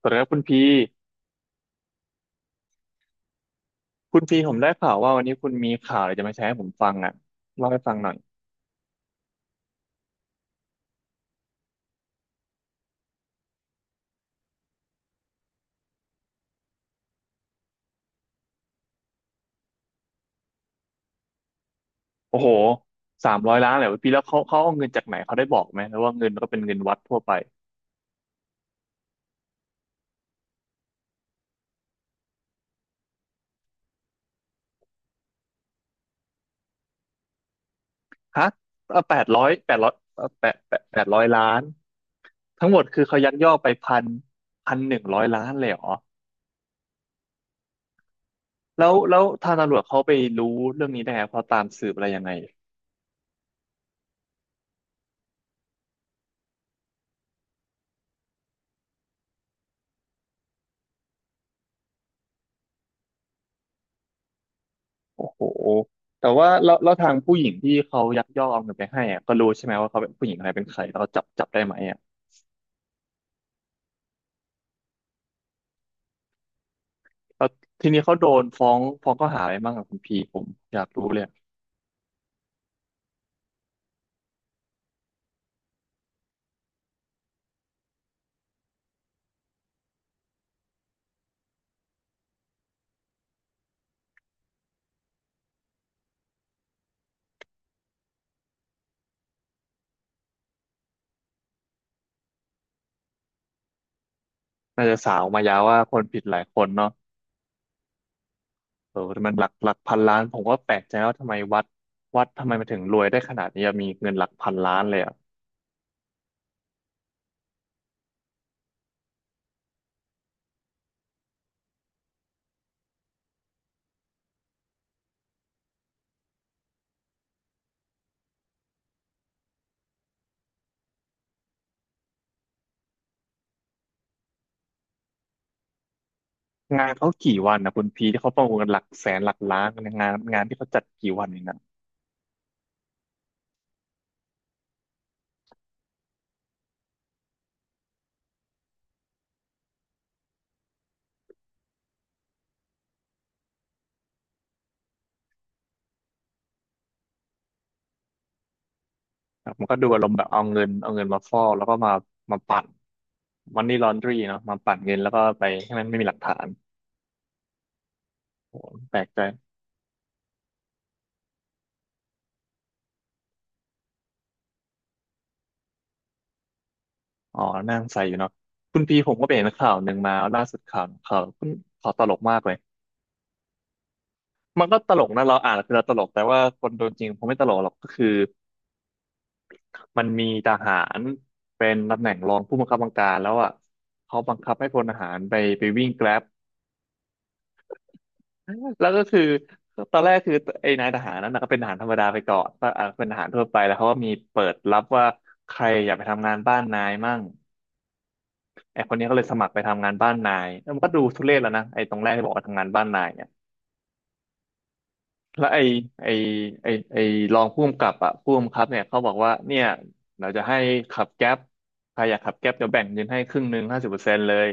สวัสดีครับคุณพีผมได้ข่าวว่าวันนี้คุณมีข่าวอะไรจะมาแชร์ให้ผมฟังอ่ะเล่าให้ฟังหน่อยโอ้โห300 ล้านเลยพี่แล้วเขาเอาเงินจากไหนเขาได้บอกไหมหรือว่าเงินก็เป็นเงินวัดทั่วไปฮะแปดร้อยแปดร้อย800 ล้านทั้งหมดคือเขายักยอกไปพันพันหนึ่งร้อยล้านเลยเหรอแล้วทางตำรวจเขาไปรู้เรื่องนี้ได้ไงเขาตามสืบอะไรยังไงโอ้โหแต่ว่าแล้วทางผู้หญิงที่เขายักยอกเอาเงินไปให้อะก็รู้ใช่ไหมว่าเขาเป็นผู้หญิงอะไรเป็นใครแล้วเขาจับได้ไหมอ่ะ แล้วทีนี้เขาโดนฟ้องข้อหาอะไรบ้างกับคุณพีผมอยากรู้เลยอะน่าจะสาวมายาวว่าคนผิดหลายคนเนาะเออแตมันหลักพันล้านผมก็แปลกใจว่าทำไมวัดทำไมมันถึงรวยได้ขนาดนี้อะมีเงินหลักพันล้านเลยอะงานเขากี่วันนะคุณพีที่เขาประมูลกันหลักแสนหลักล้านงานที่เขาจัดกี่วันเองนะครับมันก็ดูอารมณ์แบบเอาเงินมาฟอกแล้วก็มาปั่นมันนี่ลอนดรีเนาะมาปั่นเงินแล้วก็ไปให้มันไม่มีหลักฐานโอ้โหแปลกใจ อ๋อนั่งใส่อยู่เนาะคุณพีผมก็ไปเห็นข่าวหนึ่งมาล่าสุดข่าวตลกมากเลยมันก็ตลกนะเราอ่านคือเราตลกแต่ว่าคนโดนจริงคงไม่ตลกหรอกก็คือมันมีทหารเป็นตำแหน่งรองผู้บังคับบัญชาแล้วอ่ะเขาบังคับให้พลทหารไปวิ่งแกร็บแล้วก็คือตอนแรกคือไอ้นายทหารนั้นนะก็เป็นทหารธรรมดาไปก่อนก็อ่ะเป็นทหารทั่วไปแล้วเขาก็มีเปิดรับว่าใครอยากไปทำงานบ้านนายมั่ง ไอคนนี้ก็เลยสมัครไปทำงานบ้านนายแล้วมันก็ดูทุเรศแล้วนะไอตรงแรกที่บอกว่าทำงานบ้านนายเนี่ยแล้วไอไอไอไอรองผู้กำกับอะผู้กำกับเนี่ยเขาบอกว่าเนี่ยเราจะให้ขับแก๊ปใครอยากขับแก๊ปเดี๋ยวแบ่งเงินให้ครึ่งหนึ่ง50%เลย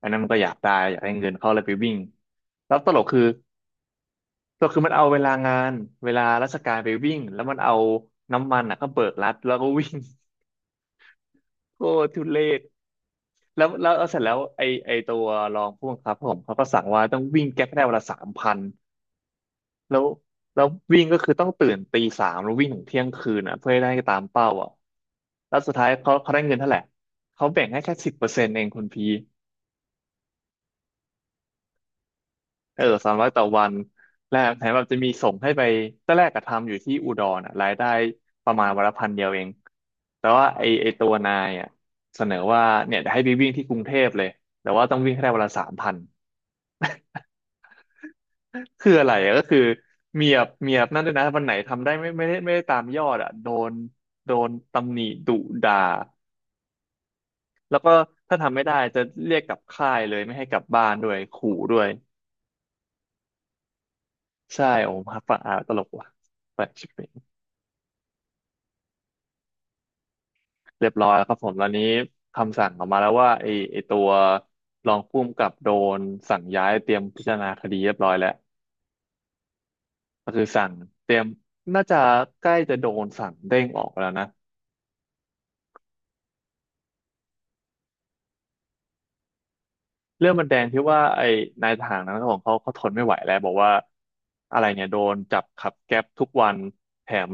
อันนั้นมันก็อยากได้อยากให้เงินเขาเลยไปวิ่งแล้วตลกคือมันเอาเวลางานเวลาราชการไปวิ่งแล้วมันเอาน้ำมันอ่ะก็เบิกรัดแล้วก็วิ่ง โคตรทุเรศแล้วเสร็จแล้วไอตัวรองผู้บังคับผมเขาก็สั่งว่าต้องวิ่งแก๊ปให้ได้วันละสามพันแล้วแล้ววิ่งก็คือต้องตื่นตีสามแล้ววิ่งถึงเที่ยงคืนอ่ะเพื่อให้ได้ตามเป้าอ่ะแล้วสุดท้ายเขาได้เงินเท่าไหร่เขาแบ่งให้แค่สิบเปอร์เซ็นต์เองคุณพี เออสามร้อยต่อวันแล้วแถมแบบจะมีส่งให้ไปตอนแรกก็ทำอยู่ที่อุดรอ่ะรายได้ประมาณวันละพันเดียวเองแต่ว่าไอตัวนายอ่ะเสนอว่าเนี่ยจะให้ไปวิ่งที่กรุงเทพเลยแต่ว่าต้องวิ่งให้ได้วันละสามพันคืออะไรอะก็คือเมียบนั่นด้วยนะวันไหนทำได้ไม่ได้ตามยอดอ่ะโดนตำหนิดุด่าแล้วก็ถ้าทำไม่ได้จะเรียกกลับค่ายเลยไม่ให้กลับบ้านด้วยขู่ด้วยใช่โอ้โหฟังอ่ะตลกว่ะแปลกชิบ เรียบร้อยแล้วครับผมตอนนี้คำสั่งออกมาแล้วว่าไอ้ตัวรองผู้กำกับโดนสั่งย้ายเตรียมพิจารณาคดีเรียบร้อยแล้วก็คือสั่งเตรียมน่าจะใกล้จะโดนสั่งเด้งออกแล้วนะเรื่องมันแดงที่ว่าไอ้นายทหารนั้นของเขาเขาทนไม่ไหวแล้วบอกว่าอะไรเนี่ยโดนจับขับแก๊ปทุกวันแถม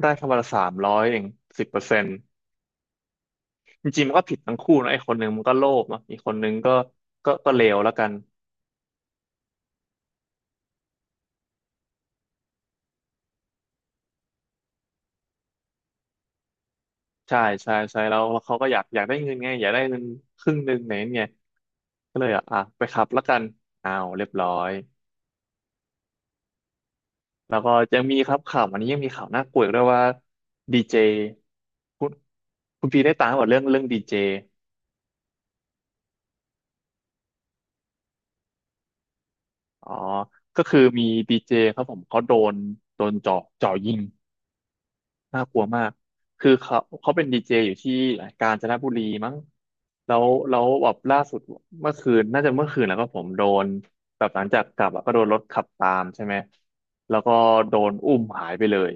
ได้แค่วันละสามร้อยเองสิบเปอร์เซ็นต์จริงๆมันก็ผิดทั้งคู่นะไอ้คนหนึ่งมันก็โลภเนอะอีกคนหนึ่งก็เลวแล้วกัน ใช่ใช่ใช่แล้วเขาก็อยากได้เงินไงอยากได้เงินครึ่งหนึ่งไหนเงี้ก็เลยอ่ะไปขับแล้วกันอ้าวเรียบร้อยแล้วก็ยังมีครับข่าวอันนี้ยังมีข่าวน่ากลัวอีกด้วยว่าดีเจคุณคุณพีได้ตามกับเรื่องดีเจอ๋อก็คือมีดีเจครับผมเขาโดนจ่อยิง น่ากลัวมาก คือเขาเป็นดีเจอยู่ที่กาญจนบุรีมั้งแล้วแบบล่าสุดเมื่อคืนน่าจะเมื่อคืนแล้วก็ผมโดนแบบหลังจากกลับอะก็โดนรถขับตามใช่ไหมแล้วก็โดนอุ้มหายไปเลย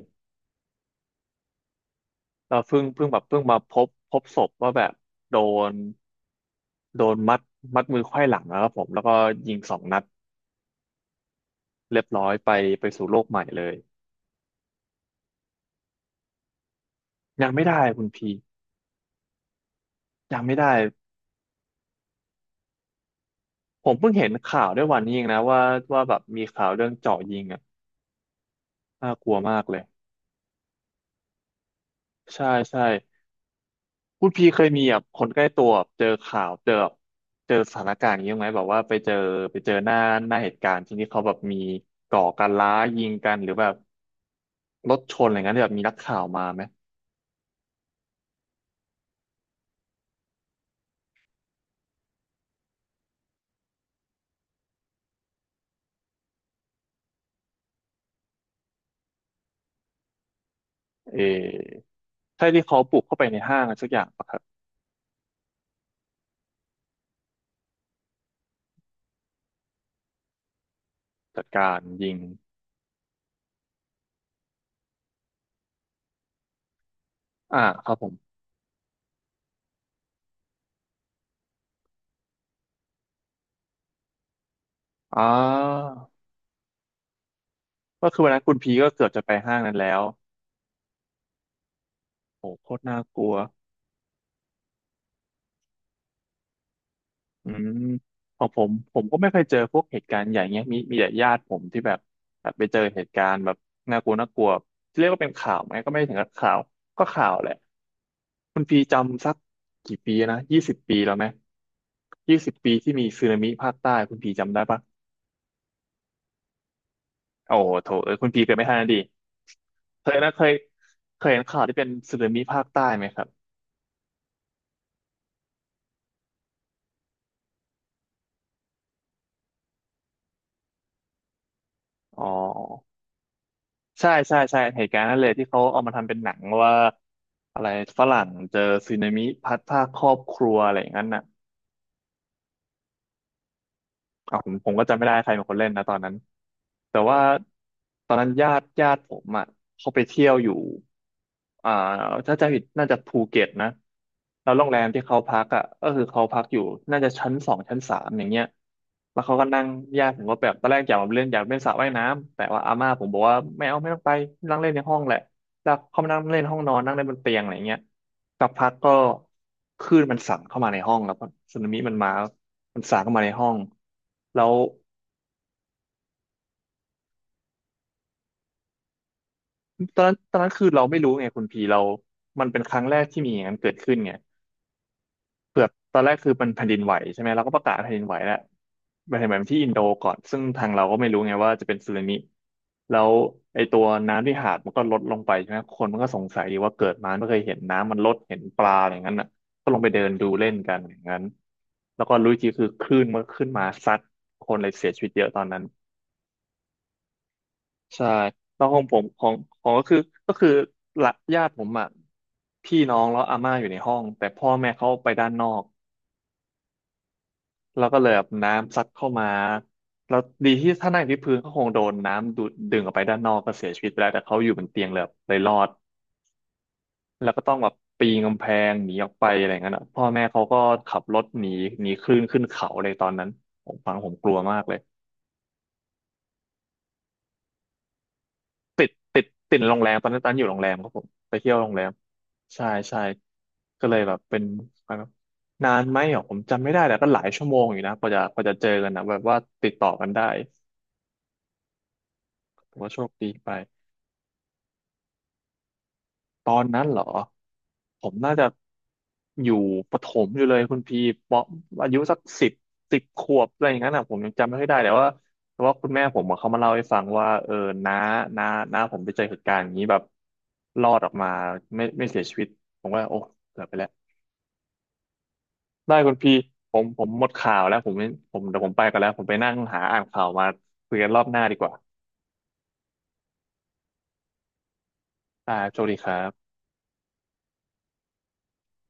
เราเพิ่งมาพบศพว่าแบบโดนโดนมัดมือไขว้หลังนะครับผมแล้วก็ยิง2 นัดเรียบร้อยไปสู่โลกใหม่เลย ยังไม่ได้คุณพี ยังไม่ได้ ผมเพิ่งเห็นข่าวด้วยวันนี้เองนะว่าแบบมีข่าวเรื่องเจาะยิงอะ น่ากลัวมากเลยใช่ใช่คุณพีเคยมีแบบคนใกล้ตัวแบบเจอข่าวเจอแบบเจอสถานการณ์อย่างนี้บ้างไหมแบบว่าไปเจอหน้าเหตุการณ์ที่นี่เขาแบบมีก่อการร้ายยิงกันหรือแบบรถชนอะไรเงี้ยที่แบบมีนักข่าวมาไหมเออใช่ที่เขาปลุกเข้าไปในห้างอะไรสักอย่างปะครับจัดการยิงอ่าครับผมอ่าก็คือวันนั้นคุณพีก็เกือบจะไปห้างนั้นแล้วโหโคตรน่ากลัว อืมของผมก็ไม่เคยเจอพวกเหตุการณ์ใหญ่เงี้ยมีแต่ญาติผมที่แบบแบบไปเจอเหตุการณ์แบบน่ากลัวน่ากลัวเรียกว่าเป็นข่าวไหมก็ไม่ถึงกับข่าวก็ข่าวแหละคุณพีจำสักกี่ปีนะยี่สิบปีแล้วไหมยี่สิบปีที่มีสึนามิภาคใต้คุณพีจำได้ปะโอ้โหโถเอ้ยคุณพีเกิดไม่ทันนะดิเคยนะเคยเคยเห็นข่าวที่เป็นสึนามิภาคใต้ไหมครับอ๋อ ใช่ใช่ใช่เหตุการณ์นั่นเลยที่เขาเอามาทำเป็นหนังว่าอะไรฝรั่งเจอสึนามิพัดพรากครอบครัวอะไรอย่างนั้นน่ะ อ่ะผมก็จำไม่ได้ใครเป็นคนเล่นนะตอนนั้นแต่ว่าตอนนั้นญาติผมอ่ะเขาไปเที่ยวอยู่อ่าถ้าจะผิดน่าจะภูเก็ตนะแล้วโรงแรมที่เขาพักอ่ะก็คือเขาพักอยู่น่าจะชั้น 2 ชั้น 3อย่างเงี้ยแล้วเขาก็นั่งญาติผมก็แบบตอนแรกอยากมาเล่นอยากเล่นสระว่ายน้ำแต่ว่าอาม่าผมบอกว่าไม่เอาไม่ต้องไปนั่งเล่นในห้องแหละแล้วเขามานั่งเล่นห้องนอนนั่งเล่นบนเตียงอะไรเงี้ย สักพักก็คลื่นมันสั่นเข้ามาในห้องแล้วก็สึนามิมันมา มันสั่นเข้ามาในห้องแล้วตอนนั้นคือเราไม่รู้ไงคุณพีเรามันเป็นครั้งแรกที่มีอย่างนั้นเกิดขึ้นไง เกือบตอนแรกคือมันแผ่นดินไหวใช่ไหมเราก็ประกาศแผ่นดินไหวแล้วนแผ่นดินไหวที่อินโดก่อนซึ่งทางเราก็ไม่รู้ไงว่าจะเป็นสึนามิแล้วไอตัวน้ำที่หาดมันก็ลดลงไปใช่ไหมคนมันก็สงสัยดีว่าเกิดมาไม่เคยเห็นน้ำมันลดเห็นปลาอะไรอย่างนั้นอ่ะก็ลงไปเดินดูเล่นกันอย่างนั้นแล้วก็รู้อีกทีคือคลื่นมันก็ขึ้นมาซัดคนเลยเสียชีวิตเยอะตอนนั้นใช่แล้วของผมของของก็คือก็คือละญาติผมอ่ะพี่น้องแล้วอาม่าอยู่ในห้องแต่พ่อแม่เขาไปด้านนอก แล้วก็เลยแบบน้ำซัดเข้ามาแล้วดีที่ถ้านั่งที่พื้นก็คงโดนน้ำดูดดึงออกไปด้านนอกก็เสียชีวิตไปแล้วแต่เขาอยู่บนเตียงเลยแบบเลยรอดแล้วก็ต้องแบบปีนกำแพงหนีออกไปอะไรอย่างนั้นอะพ่อแม่เขาก็ขับรถหนีหนีคลื่นขึ้นเขาเลยตอนนั้นผมฟังผมกลัวมากเลยติดติดติดโรงแรมตอนนั้นตอนอยู่โรงแรมครับผมไปเที่ยวโรงแรมใช่ใช่ก็เลยแบบเป็นนานไหมอ่ะผมจำไม่ได้แต่ก็หลายชั่วโมงอยู่นะกว่าจะเจอกันนะแบบว่าติดต่อกันได้แต่ว่าโชคดีไป ตอนนั้นเหรอผมน่าจะอยู่ประถมอยู่เลยคุณพีปอายุสักสิบ10 ขวบอะไรอย่างนั้นอ่ะผมยังจำไม่ค่อยได้แต่ว่าแต่ว่าคุณแม่ผมอะเขามาเล่าให้ฟังว่าเออน้าน้าน้าผมไปเจอเหตุการณ์อย่างนี้แบบรอดออกมาไม่เสียชีวิตผมว่าโอ้เกือบไปแล้วได้คุณพีผมหมดข่าวแล้วผมไม่ผมเดี๋ยวผมไปกันแล้วผมไปนั่งหาอ่านข่าวมาคุยกันรอบหน้าดีกว่าอ่าโชคดีครับ